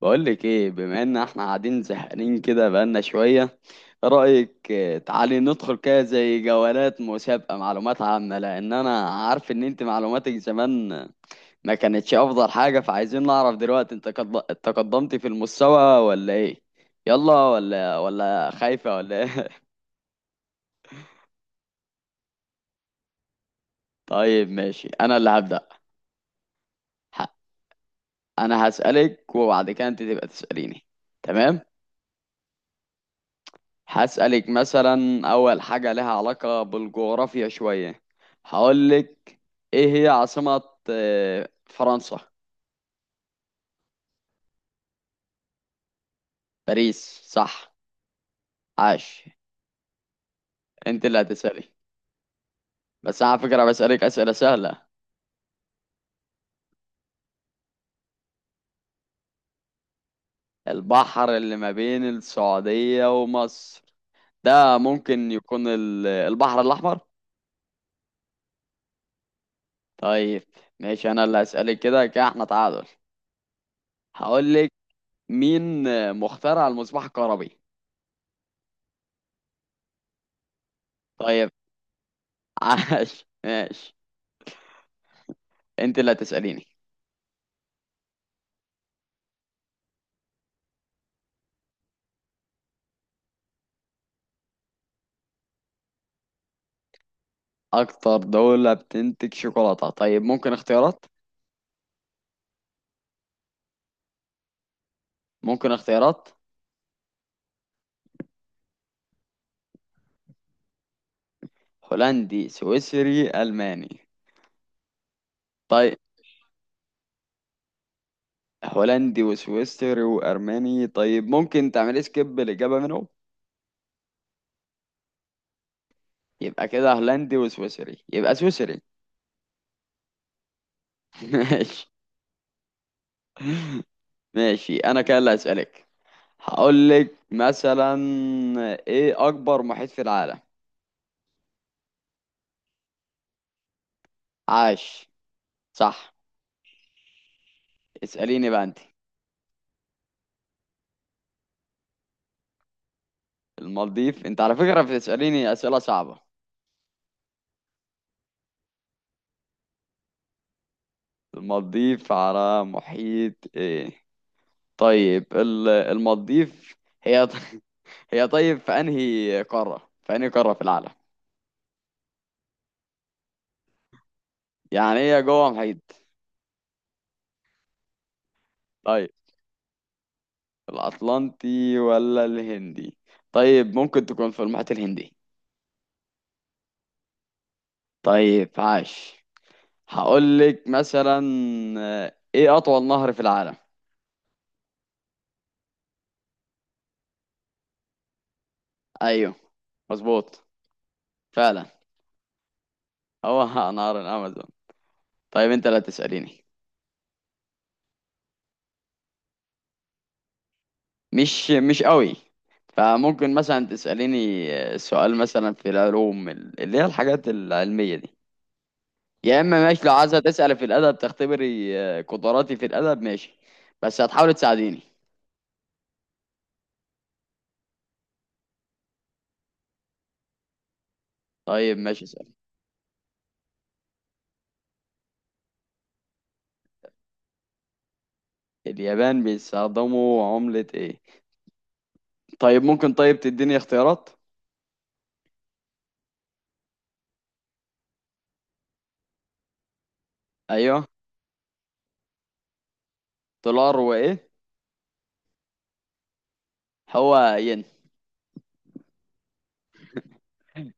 بقولك ايه؟ بما ان احنا قاعدين زهقانين كده بقالنا شوية، رأيك تعالي ندخل كده زي جولات مسابقة معلومات عامة، لان انا عارف ان انت معلوماتك زمان ما كانتش افضل حاجة، فعايزين نعرف دلوقتي انت تقدمتي في المستوى ولا ايه. يلا ولا خايفة ولا ايه؟ طيب ماشي انا اللي هبدأ. ه- انا هسألك وبعد كده انت تبقى تسأليني، تمام؟ هسألك مثلا أول حاجة لها علاقة بالجغرافيا شوية. هقولك، إيه هي عاصمة فرنسا؟ باريس، صح، عاش. أنت اللي هتسألي. بس أنا على فكرة بسألك أسئلة سهلة. البحر اللي ما بين السعودية ومصر ده ممكن يكون البحر الأحمر. طيب ماشي، أنا اللي هسألك. كده كده احنا تعادل. هقولك، مين مخترع المصباح الكهربي؟ طيب عاش ماشي، انت اللي هتسأليني. اكتر دولة بتنتج شوكولاتة؟ طيب ممكن اختيارات؟ ممكن اختيارات؟ هولندي، سويسري، الماني؟ طيب هولندي وسويسري وارماني، طيب ممكن تعمل سكيب الاجابة منهم؟ يبقى كده هولندي وسويسري، يبقى سويسري. ماشي. ماشي انا كده اللي هسألك. هقول لك مثلا، ايه اكبر محيط في العالم؟ عاش، صح. اسأليني بقى انت. المالديف؟ انت على فكرة بتسأليني اسئلة صعبة. المالديف على محيط ايه؟ طيب المالديف هي، هي، طيب في انهي قارة، في انهي قارة في العالم؟ يعني هي جوه محيط؟ طيب الاطلنطي ولا الهندي؟ طيب ممكن تكون في المحيط الهندي. طيب عاش. هقول لك مثلا ايه اطول نهر في العالم؟ ايوه، مظبوط، فعلا هو نهر الامازون. طيب انت لا تسأليني، مش قوي. فممكن مثلا تسأليني سؤال مثلا في العلوم، اللي هي الحاجات العلمية دي. يا اما ماشي لو عايزة تسألي في الأدب تختبري قدراتي في الأدب، ماشي، بس هتحاولي تساعديني. طيب ماشي، اسألي. اليابان بيستخدموا عملة ايه؟ طيب ممكن، طيب تديني اختيارات؟ ايوه. دولار وايه؟ هو ين.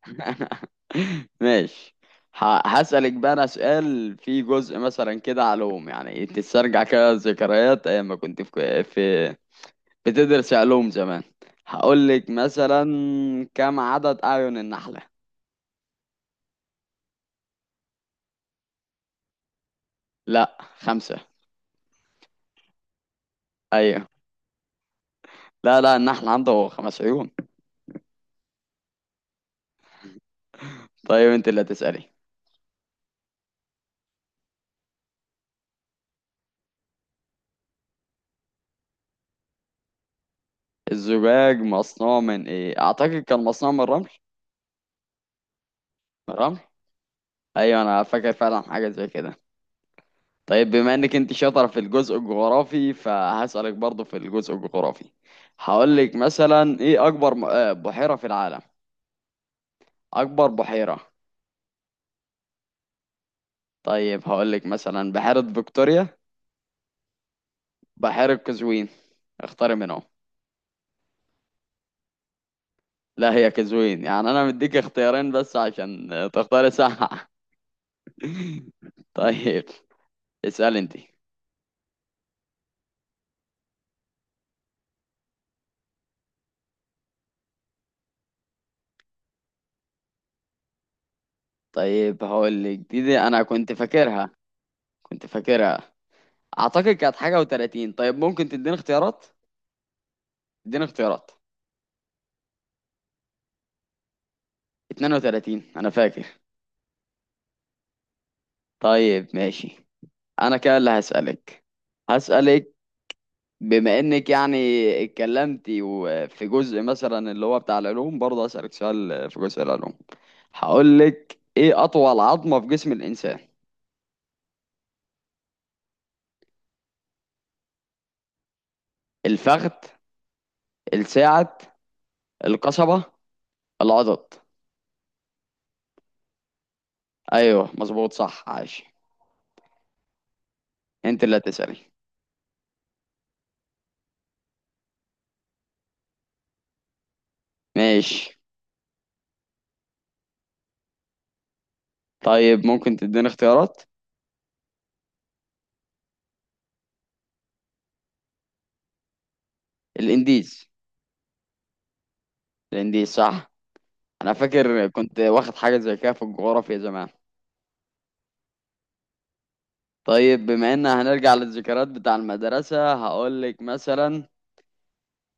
ماشي. هسألك بقى أنا سؤال فيه جزء مثلا كده علوم، يعني تسترجع كده ذكريات أيام ما كنت في في بتدرس علوم زمان. هقول لك مثلا، كم عدد أعين النحلة؟ لا، خمسة. أيوه، لا لا، النحل عنده خمس عيون. طيب أنت اللي هتسألي. الزجاج مصنوع من إيه؟ أعتقد كان مصنوع من الرمل. الرمل. أيوه، أنا فاكر فعلا حاجة زي كده. طيب بما انك انت شاطره في الجزء الجغرافي، فهسألك برضو في الجزء الجغرافي. هقول لك مثلا ايه اكبر بحيرة في العالم؟ اكبر بحيرة. طيب هقول لك مثلا بحيرة فيكتوريا، بحيرة قزوين، اختاري منهم. لا، هي قزوين، يعني انا مديك اختيارين بس عشان تختاري صح. طيب، اسأل انت. طيب هقول لك دي انا كنت فاكرها. كنت فاكرها. اعتقد كانت حاجة و30. طيب ممكن تديني اختيارات؟ اديني اختيارات. 32 انا فاكر. طيب ماشي، انا كده اللي هسألك. هسألك، بما انك يعني اتكلمتي وفي جزء مثلا اللي هو بتاع العلوم، برضه هسألك سؤال في جزء العلوم. هقول لك، ايه اطول عظمة في جسم الانسان؟ الفخذ، الساعد، القصبة، العضد. ايوه، مظبوط، صح، عاش. انت اللي هتسألي. ماشي، طيب ممكن تديني اختيارات. الانديز. الانديز، صح. انا فاكر كنت واخد حاجة زي كده في الجغرافيا زمان. طيب بما ان هنرجع للذكريات بتاع المدرسة، هقولك مثلا،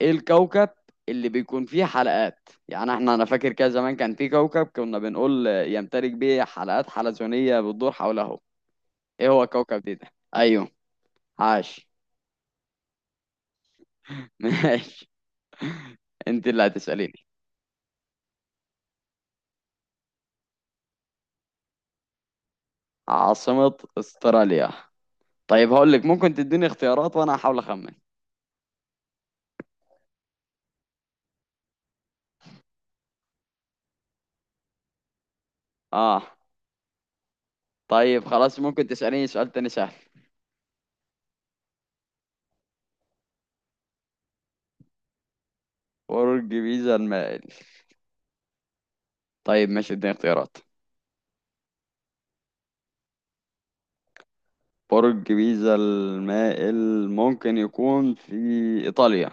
ايه الكوكب اللي بيكون فيه حلقات؟ يعني احنا انا فاكر كده زمان كان فيه كوكب كنا بنقول يمتلك بيه حلقات حلزونية بتدور حوله. ايه هو الكوكب دي ده؟ ايوه، عاش. ماشي، انت اللي هتسأليني. عاصمة استراليا؟ طيب هقولك، ممكن تديني اختيارات وانا هحاول اخمن. اه. طيب خلاص، ممكن تسأليني سؤال تاني سهل. برج بيزا المائل؟ طيب ماشي، اديني اختيارات. برج بيزا المائل ممكن يكون في إيطاليا.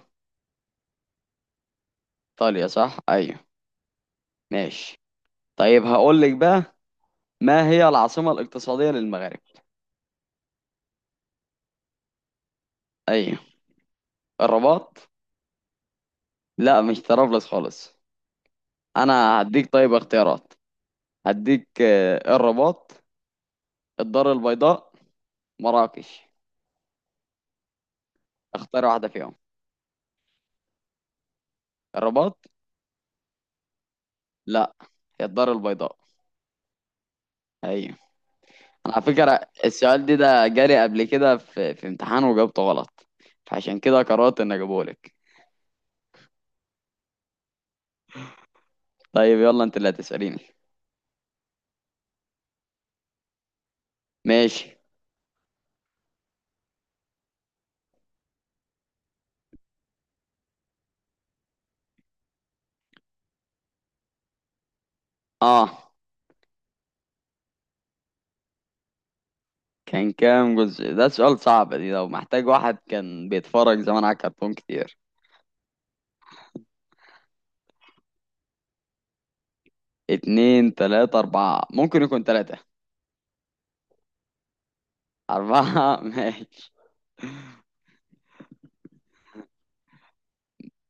إيطاليا، صح؟ أيوه. ماشي. طيب هقول لك بقى، ما هي العاصمة الاقتصادية للمغرب؟ أيوه. الرباط؟ لا، مش طرابلس خالص. أنا هديك طيب اختيارات. هديك الرباط، الدار البيضاء، مراكش. اختار واحدة فيهم. الرباط؟ لا، هي الدار البيضاء. أيوه. أنا على فكرة السؤال دي ده جاري قبل كده في امتحان وجاوبته غلط، فعشان كده قررت إني أجيبهولك. طيب يلا انت اللي هتسأليني. ماشي. اه. كان كام جزء؟ ده سؤال صعب دي، لو محتاج واحد كان بيتفرج زمان على كرتون كتير. اتنين، تلاتة، أربعة؟ ممكن يكون تلاتة. أربعة؟ ماشي.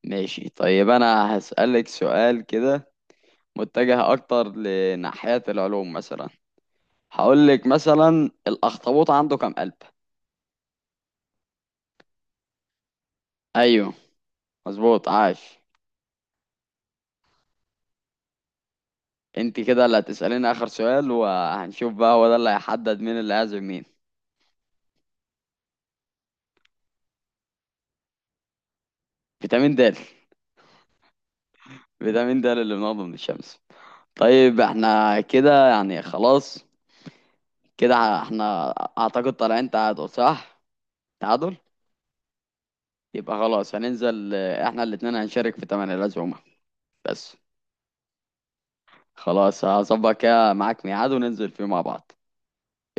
ماشي طيب، أنا هسألك سؤال كده متجه أكتر لناحية العلوم مثلا. هقولك مثلا، الأخطبوط عنده كام قلب؟ أيوه، مظبوط، عاش. انت كده اللي هتسأليني آخر سؤال وهنشوف بقى هو ده اللي هيحدد مين اللي هيعزم مين. فيتامين د. فيتامين د اللي بناخده من الشمس. طيب احنا كده يعني خلاص. كده احنا، اعتقد طالعين تعادل، صح؟ تعادل. يبقى خلاص هننزل، احنا الاتنين هنشارك في تمن العزومة بس. خلاص هظبط كده معاك ميعاد وننزل فيه مع بعض.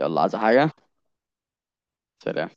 يلا، عايز حاجة؟ سلام.